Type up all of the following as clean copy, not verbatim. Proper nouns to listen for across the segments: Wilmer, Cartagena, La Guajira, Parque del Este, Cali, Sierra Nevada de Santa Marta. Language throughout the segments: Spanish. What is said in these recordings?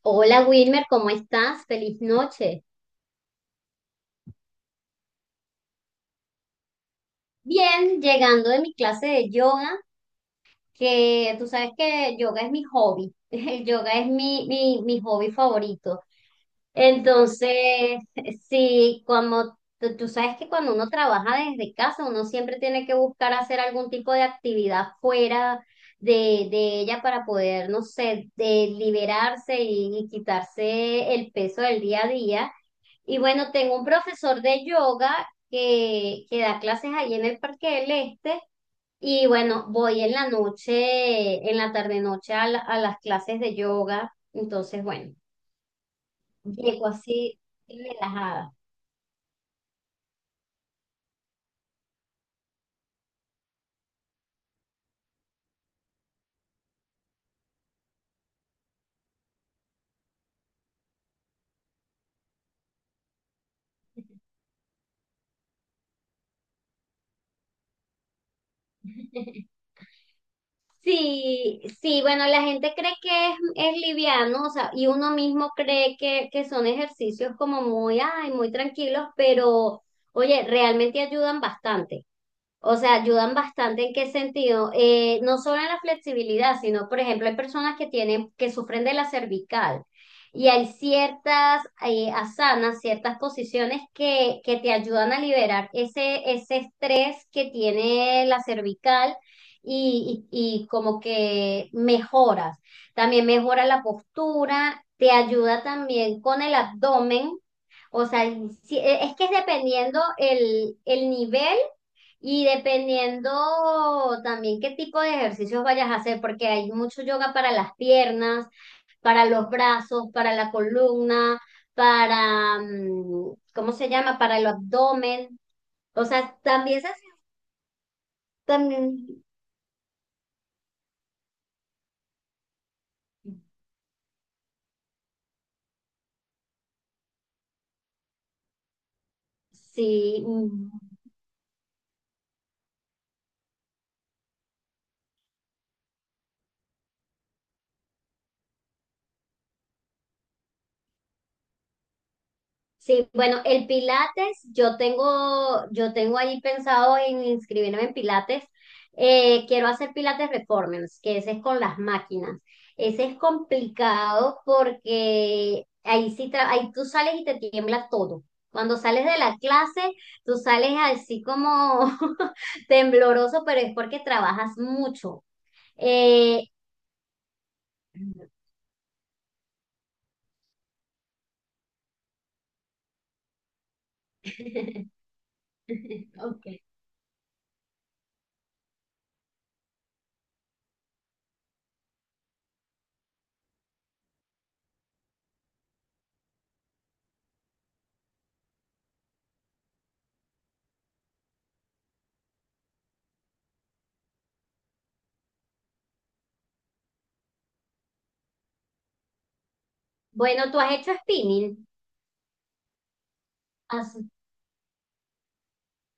Hola Wilmer, ¿cómo estás? Feliz noche. Bien, llegando de mi clase de yoga, que tú sabes que yoga es mi hobby. El yoga es mi hobby favorito. Entonces, sí, como tú sabes que cuando uno trabaja desde casa, uno siempre tiene que buscar hacer algún tipo de actividad fuera de ella para poder, no sé, de liberarse y quitarse el peso del día a día. Y bueno, tengo un profesor de yoga que da clases allí en el Parque del Este. Y bueno, voy en la noche, en la tarde-noche a, a las clases de yoga. Entonces, bueno, llego así relajada. Sí, sí, bueno, la gente cree que es liviano, o sea, y uno mismo cree que son ejercicios como muy, ay, muy tranquilos, pero oye, realmente ayudan bastante. O sea, ayudan bastante en qué sentido. No solo en la flexibilidad, sino, por ejemplo, hay personas que tienen, que sufren de la cervical y hay ciertas asanas, ciertas posiciones que te ayudan a liberar ese estrés que tiene la cervical y como que mejoras. También mejora la postura, te ayuda también con el abdomen. O sea, es que es dependiendo el nivel y dependiendo también qué tipo de ejercicios vayas a hacer, porque hay mucho yoga para las piernas, para los brazos, para la columna, para, ¿cómo se llama? Para el abdomen. O sea, también se hace, también, sí, mm, sí, bueno, el Pilates, yo tengo ahí pensado en inscribirme en Pilates. Quiero hacer Pilates Reformers, que ese es con las máquinas. Ese es complicado porque ahí sí, ahí tú sales y te tiembla todo. Cuando sales de la clase, tú sales así como tembloroso, pero es porque trabajas mucho. Eh, ok. Bueno, tú has hecho spinning.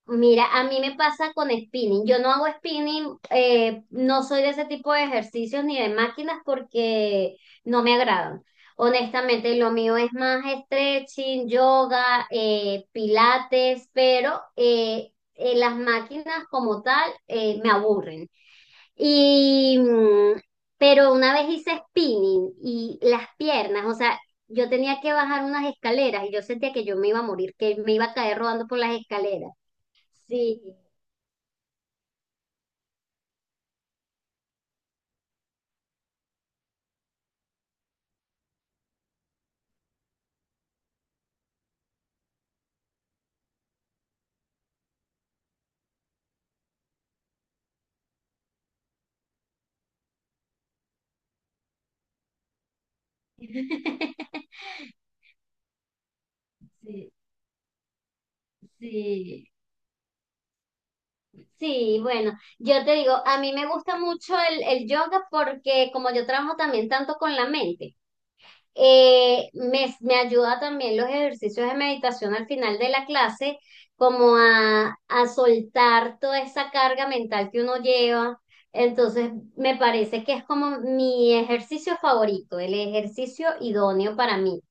Mira, a mí me pasa con spinning. Yo no hago spinning, no soy de ese tipo de ejercicios ni de máquinas porque no me agradan. Honestamente, lo mío es más stretching, yoga, pilates, pero las máquinas como tal me aburren. Y, mm, pero una vez hice spinning y las piernas, o sea, yo tenía que bajar unas escaleras y yo sentía que yo me iba a morir, que me iba a caer rodando por las escaleras. Sí, sí, sí, sí, bueno, yo te digo, a mí me gusta mucho el yoga porque como yo trabajo también tanto con la mente. Me ayuda también los ejercicios de meditación al final de la clase, como a soltar toda esa carga mental que uno lleva. Entonces, me parece que es como mi ejercicio favorito, el ejercicio idóneo para mí.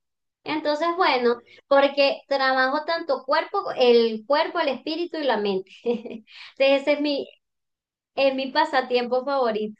Entonces, bueno, porque trabajo tanto cuerpo, el espíritu y la mente. Entonces, ese es mi, es mi pasatiempo favorito.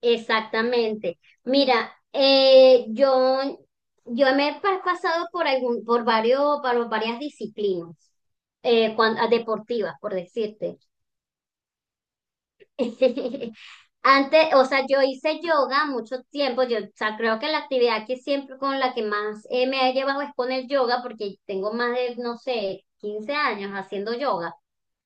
Exactamente. Mira, yo me he pasado por por varias disciplinas deportivas, por decirte. Antes, o sea, yo hice yoga mucho tiempo. Yo, o sea, creo que la actividad que siempre con la que más me he llevado es con el yoga, porque tengo más de, no sé, 15 años haciendo yoga.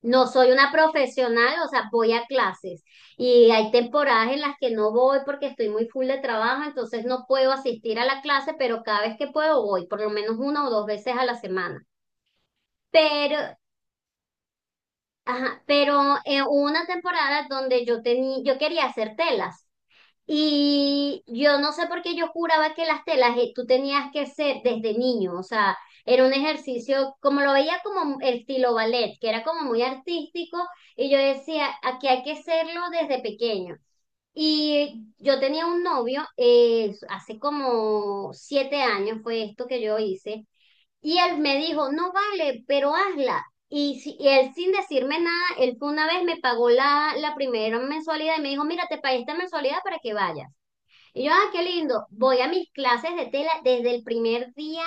No soy una profesional, o sea, voy a clases y hay temporadas en las que no voy porque estoy muy full de trabajo, entonces no puedo asistir a la clase, pero cada vez que puedo voy, por lo menos una o dos veces a la semana. Pero, ajá, pero hubo una temporada donde yo quería hacer telas. Y yo no sé por qué yo juraba que las telas tú tenías que ser desde niño, o sea, era un ejercicio, como lo veía como el estilo ballet, que era como muy artístico, y yo decía, aquí hay que hacerlo desde pequeño. Y yo tenía un novio, hace como 7 años fue esto que yo hice, y él me dijo, no vale, pero hazla. Y él sin decirme nada, él fue una vez me pagó la primera mensualidad y me dijo, mira, te pagué esta mensualidad para que vayas. Y yo, ah, qué lindo. Voy a mis clases de tela. Desde el primer día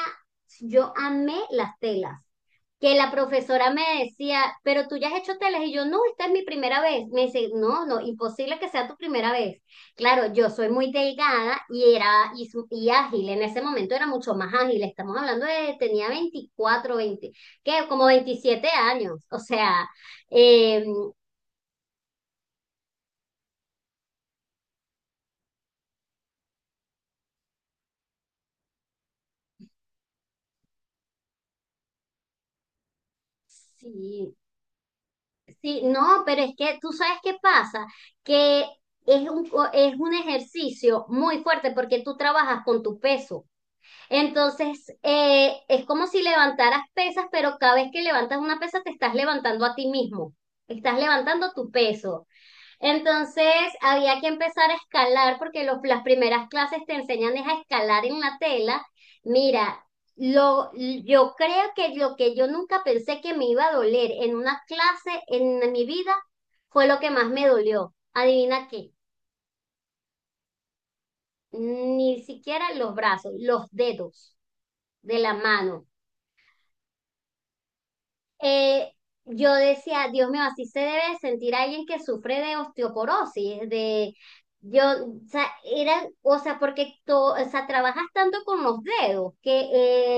yo amé las telas. Que la profesora me decía, pero tú ya has hecho telas. Y yo, no, esta es mi primera vez. Me dice, no, no, imposible que sea tu primera vez. Claro, yo soy muy delgada y era y ágil. En ese momento era mucho más ágil. Estamos hablando de, tenía 24 20 que como 27 años. O sea, eh, sí. Sí, no, pero es que tú sabes qué pasa, que es un, es un ejercicio muy fuerte porque tú trabajas con tu peso. Entonces, es como si levantaras pesas, pero cada vez que levantas una pesa te estás levantando a ti mismo, estás levantando tu peso. Entonces había que empezar a escalar porque las primeras clases te enseñan es a escalar en la tela. Mira, lo, yo creo que lo que yo nunca pensé que me iba a doler en una clase en mi vida fue lo que más me dolió. Adivina qué, ni siquiera los brazos, los dedos de la mano. Eh, yo decía, Dios mío, así se debe sentir alguien que sufre de osteoporosis, de yo, o sea, era, o sea, porque o sea, trabajas tanto con los dedos que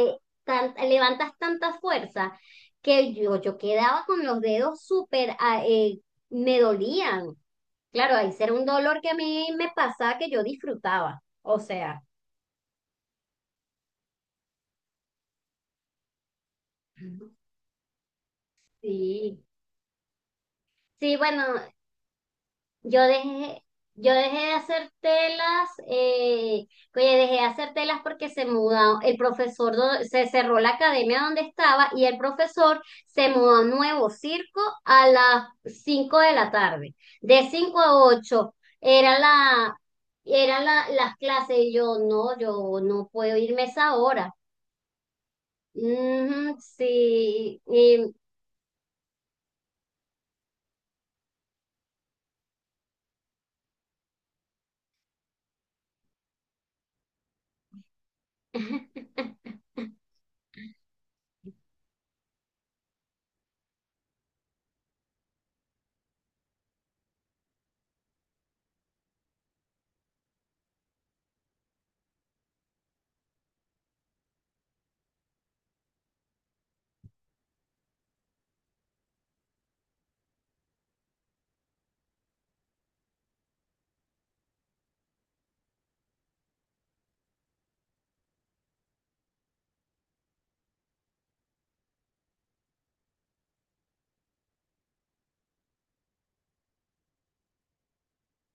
levantas tanta fuerza que yo quedaba con los dedos súper, ah, me dolían. Claro, ahí era un dolor que a mí me pasaba que yo disfrutaba. O sea, ujú, sí. Sí, bueno, Yo dejé, yo dejé de hacer telas, oye, dejé de hacer telas porque se mudó, el profesor se cerró la academia donde estaba y el profesor se mudó a un nuevo circo a las 5 de la tarde. De 5 a 8 era las clases y yo no puedo irme esa hora. Ujú, sí, y-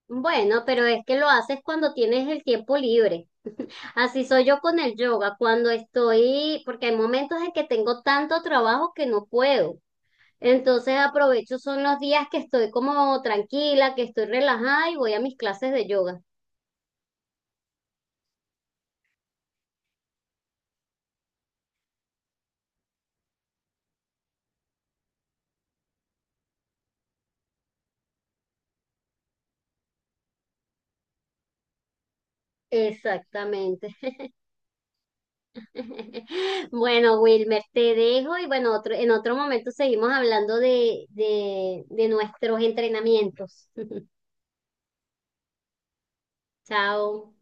Bueno, pero es que lo haces cuando tienes el tiempo libre. Así soy yo con el yoga, cuando estoy, porque hay momentos en que tengo tanto trabajo que no puedo. Entonces aprovecho, son los días que estoy como tranquila, que estoy relajada y voy a mis clases de yoga. Exactamente. Bueno, Wilmer, te dejo y bueno, en otro momento seguimos hablando de nuestros entrenamientos. Chao.